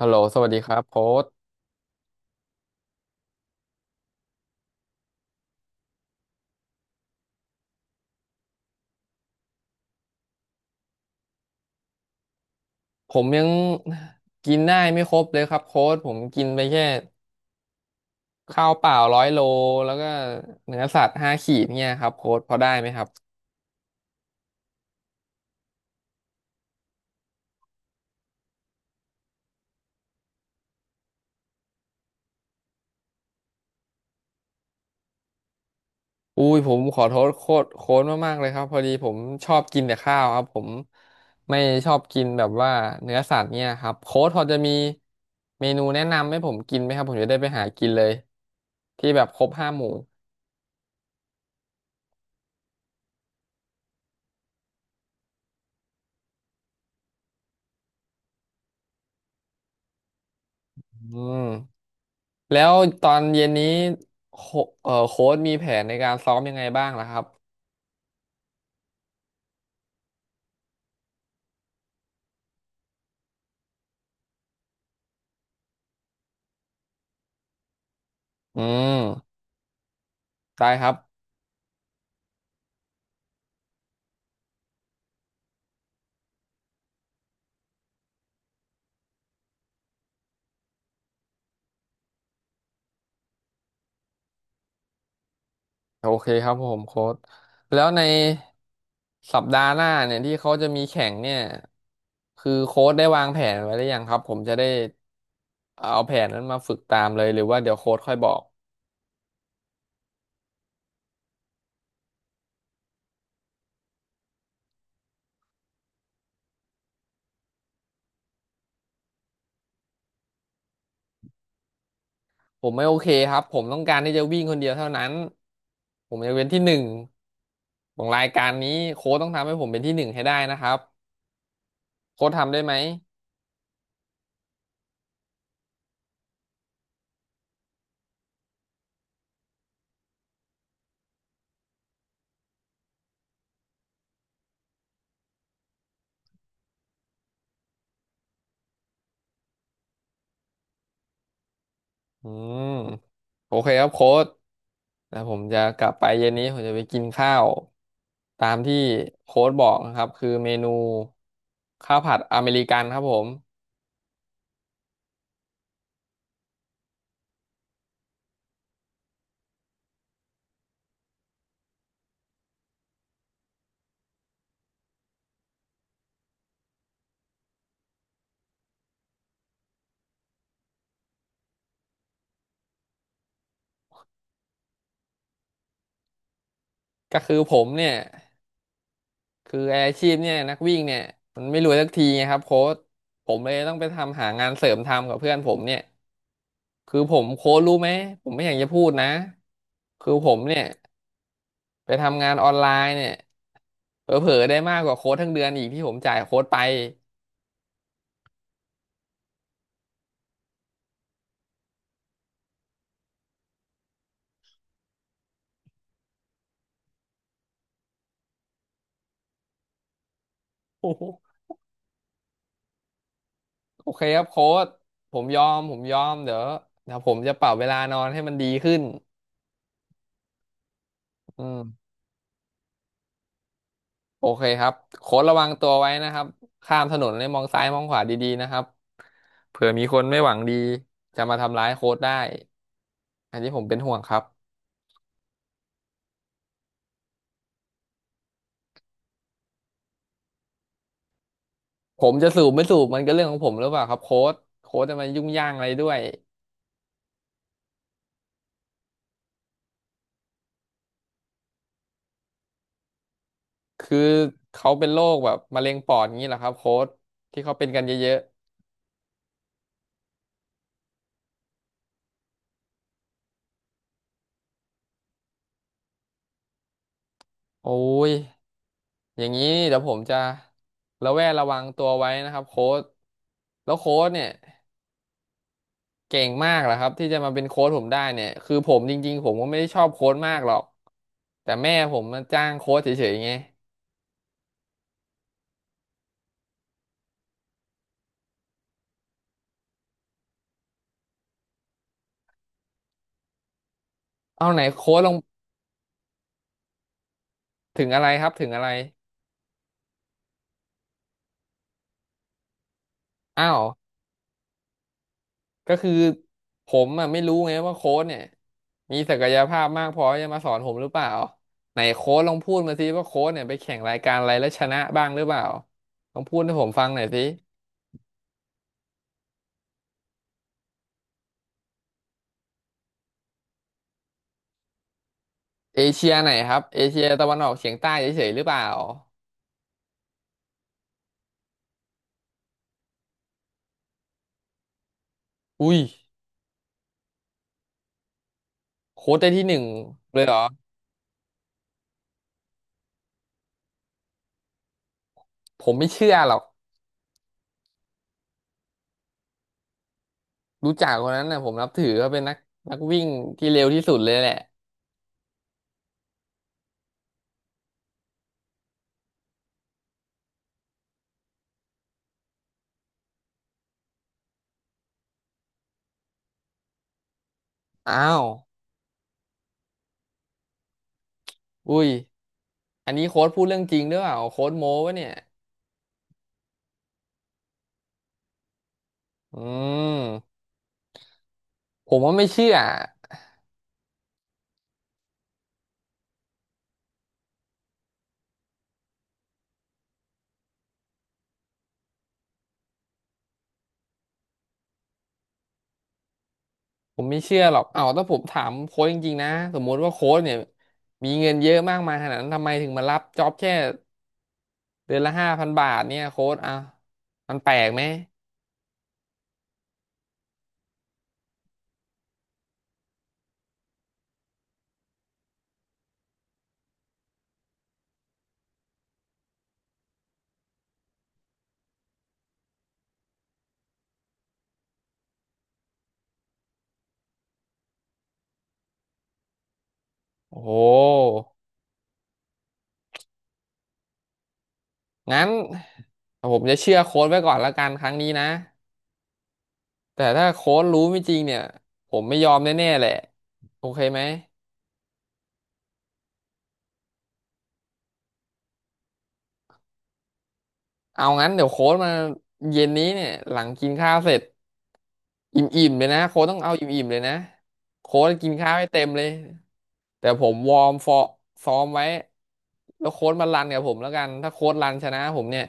ฮัลโหลสวัสดีครับโค้ดผมยังกินได้ไม่ครบเลยครับโค้ดผมกินไปแค่ข้าวเปล่า100 โลแล้วก็เนื้อสัตว์5 ขีดเนี่ยครับโค้ดพอได้ไหมครับอุ้ยผมขอโทษโค้ดมากๆเลยครับพอดีผมชอบกินแต่ข้าวครับผมไม่ชอบกินแบบว่าเนื้อสัตว์เนี่ยครับโค้ดพอจะมีเมนูแนะนำให้ผมกินไหมครับผมจะได้ไปหากินเลยที่แบบครบ5 หมู่อืม แล้วตอนเย็นนี้โคเอ่อโค้ชมีแผนในการซ้อมยังไงบ้างล่ะครับอืมได้ครับโอเคครับผมโค้ชแล้วในสัปดาห์หน้าเนี่ยที่เขาจะมีแข่งเนี่ยคือโค้ชได้วางแผนไว้หรือยังครับผมจะได้เอาแผนนั้นมาฝึกตามเลยหรือว่าเดี๋ยวโค้ชค่อยบอกผมไม่โอเคครับผมต้องการที่จะวิ่งคนเดียวเท่านั้นผมจะเป็นที่หนึ่งของรายการนี้โค้ชต้องทำให้ผมเป็นที่หนึ่งให้ได้นะครับโค้ชทำได้ไหม อืมโอเคครับโค้ดแต่ผมจะกลับไปเย็นนี้ผมจะไปกินข้าวตามที่โค้ดบอกนะครับคือเมนูข้าวผัดอเมริกันครับผมก็คือผมเนี่ยคือไอ้อาชีพเนี่ยนักวิ่งเนี่ยมันไม่รวยสักทีไงครับโค้ดผมเลยต้องไปทำหางานเสริมทำกับเพื่อนผมเนี่ยคือผมโค้ดรู้ไหมผมไม่อยากจะพูดนะคือผมเนี่ยไปทำงานออนไลน์เนี่ยเผลอๆได้มากกว่าโค้ดทั้งเดือนอีกที่ผมจ่ายโค้ดไป โอเคครับโค้ชผมยอมเดี๋ยวผมจะปรับเวลานอนให้มันดีขึ้นอืมโอเคครับโค้ชระวังตัวไว้นะครับข้ามถนนเลยมองซ้ายมองขวาดีๆนะครับเผื่อมีคนไม่หวังดีจะมาทำร้ายโค้ชได้อันนี้ผมเป็นห่วงครับผมจะสูบไม่สูบมันก็เรื่องของผมหรือเปล่าครับโค้ชโค้ชจะมายุ่งย่างอะไรด้วยคือเขาเป็นโรคแบบมะเร็งปอดอย่างนี้เหรอครับโค้ชที่เขาเป็นกันเยอะๆโอ้ย อย่างนี้เดี๋ยวผมจะระแวดระวังตัวไว้นะครับโค้ชแล้วโค้ชเนี่ยเก่งมากเหรอครับที่จะมาเป็นโค้ชผมได้เนี่ยคือผมจริงๆผมก็ไม่ได้ชอบโค้ชมากหรอกแต่แม่ผมมาจ้างโค้ชเฉยๆไงเอาไหนโค้ชลงถึงอะไรครับถึงอะไรอ้าวก็คือผมอ่ะไม่รู้ไงว่าโค้ชเนี่ยมีศักยภาพมากพอที่จะมาสอนผมหรือเปล่าไหนโค้ชลองพูดมาสิว่าโค้ชเนี่ยไปแข่งรายการอะไรแล้วชนะบ้างหรือเปล่าลองพูดให้ผมฟังหน่อยสิ เอเชียไหนครับเอเชียตะวันออกเฉียงใต้เฉยๆหรือเปล่าอุ้ยโค้ชได้ที่หนึ่งเลยเหรอผมไม่เชื่อหรอกรู้จักคนนั้นนะผมนับถือเขาเป็นนักวิ่งที่เร็วที่สุดเลยแหละอ้าวอุ้ยอันนี้โค้ชพูดเรื่องจริงหรือเปล่าโค้ชโม้ปะเนี่ยอืมผมว่าไม่เชื่อผมไม่เชื่อหรอกเอ้าถ้าผมถามโค้ชจริงๆนะสมมุติว่าโค้ชเนี่ยมีเงินเยอะมากมายขนาดนั้นทำไมถึงมารับจ็อบแค่เดือนละ5,000 บาทเนี่ยโค้ชอ่ะมันแปลกไหมโอ้โห งั้นผมจะเชื่อโค้ดไว้ก่อนละกันครั้งนี้นะแต่ถ้าโค้ดรู้ไม่จริงเนี่ยผมไม่ยอมแน่ๆแหละโอเคไหมเอางั้นเดี๋ยวโค้ดมาเย็นนี้เนี่ยหลังกินข้าวเสร็จอิ่มๆเลยนะโค้ดต้องเอาอิ่มๆเลยนะโค้ดกินข้าวให้เต็มเลยแต่ผมวอร์มซ้อมไว้แล้วโค้ดมารันกับผมแล้วกันถ้าโค้ดรันชนะผมเนี่ย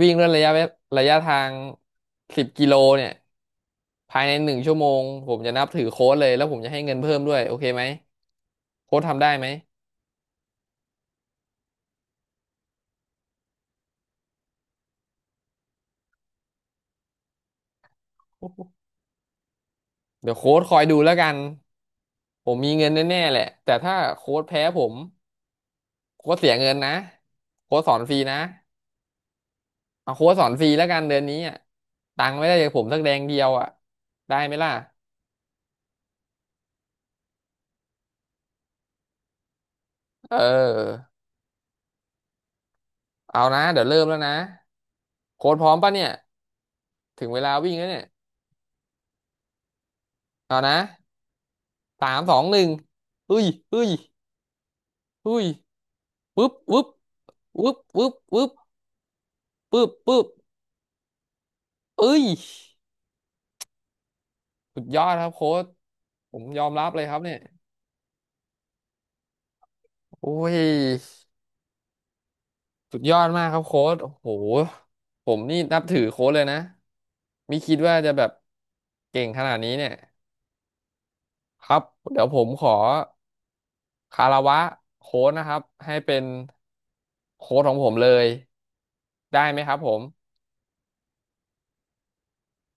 วิ่งด้วยระยะทาง10 กิโลเนี่ยภายใน1 ชั่วโมงผมจะนับถือโค้ดเลยแล้วผมจะให้เงินเพิ่มด้วยโอเคไหมโค้ดทำได้ไหมเดี๋ยวโค้ดคอยดูแล้วกันผมมีเงินแน่ๆแหละแต่ถ้าโค้ดแพ้ผมโค้ดเสียเงินนะโค้ดสอนฟรีนะเอาโค้ดสอนฟรีแล้วกันเดือนนี้อ่ะตังค์ไม่ได้จากผมสักแดงเดียวอ่ะได้ไหมล่ะเออเอานะเดี๋ยวเริ่มแล้วนะโค้ดพร้อมปะเนี่ยถึงเวลาวิ่งแล้วเนี่ยเอานะ 3 2 1เฮ้ยเฮ้ยเฮ้ยปึ๊บปึ๊บปึ๊บปึ๊บปึ๊บปึ๊บปึ๊บเอ้ยสุดยอดครับโค้ชผมยอมรับเลยครับเนี่ยโอ้ยสุดยอดมากครับโค้ชโอ้โหผมนี่นับถือโค้ชเลยนะไม่คิดว่าจะแบบเก่งขนาดนี้เนี่ยครับเดี๋ยวผมขอคารวะโค้ชนะครับให้เป็นโค้ชของผมเลยได้ไหมครับผม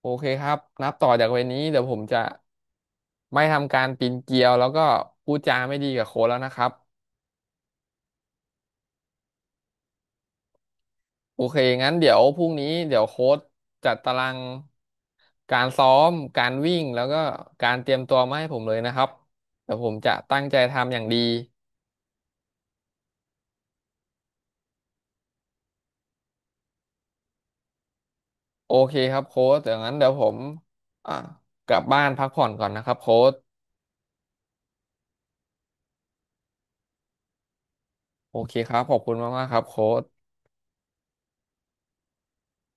โอเคครับนับต่อจากวันนี้เดี๋ยวผมจะไม่ทำการปีนเกลียวแล้วก็พูดจาไม่ดีกับโค้ชแล้วนะครับโอเคงั้นเดี๋ยวพรุ่งนี้เดี๋ยวโค้ชจัดตารางการซ้อมการวิ่งแล้วก็การเตรียมตัวมาให้ผมเลยนะครับเดี๋ยวผมจะตั้งใจทำอย่างดีโอเคครับโค้ชเดี๋ยวงั้นเดี๋ยวผมอ่ากลับบ้านพักผ่อนก่อนนะครับโค้ชโอเคครับขอบคุณมากๆครับโค้ช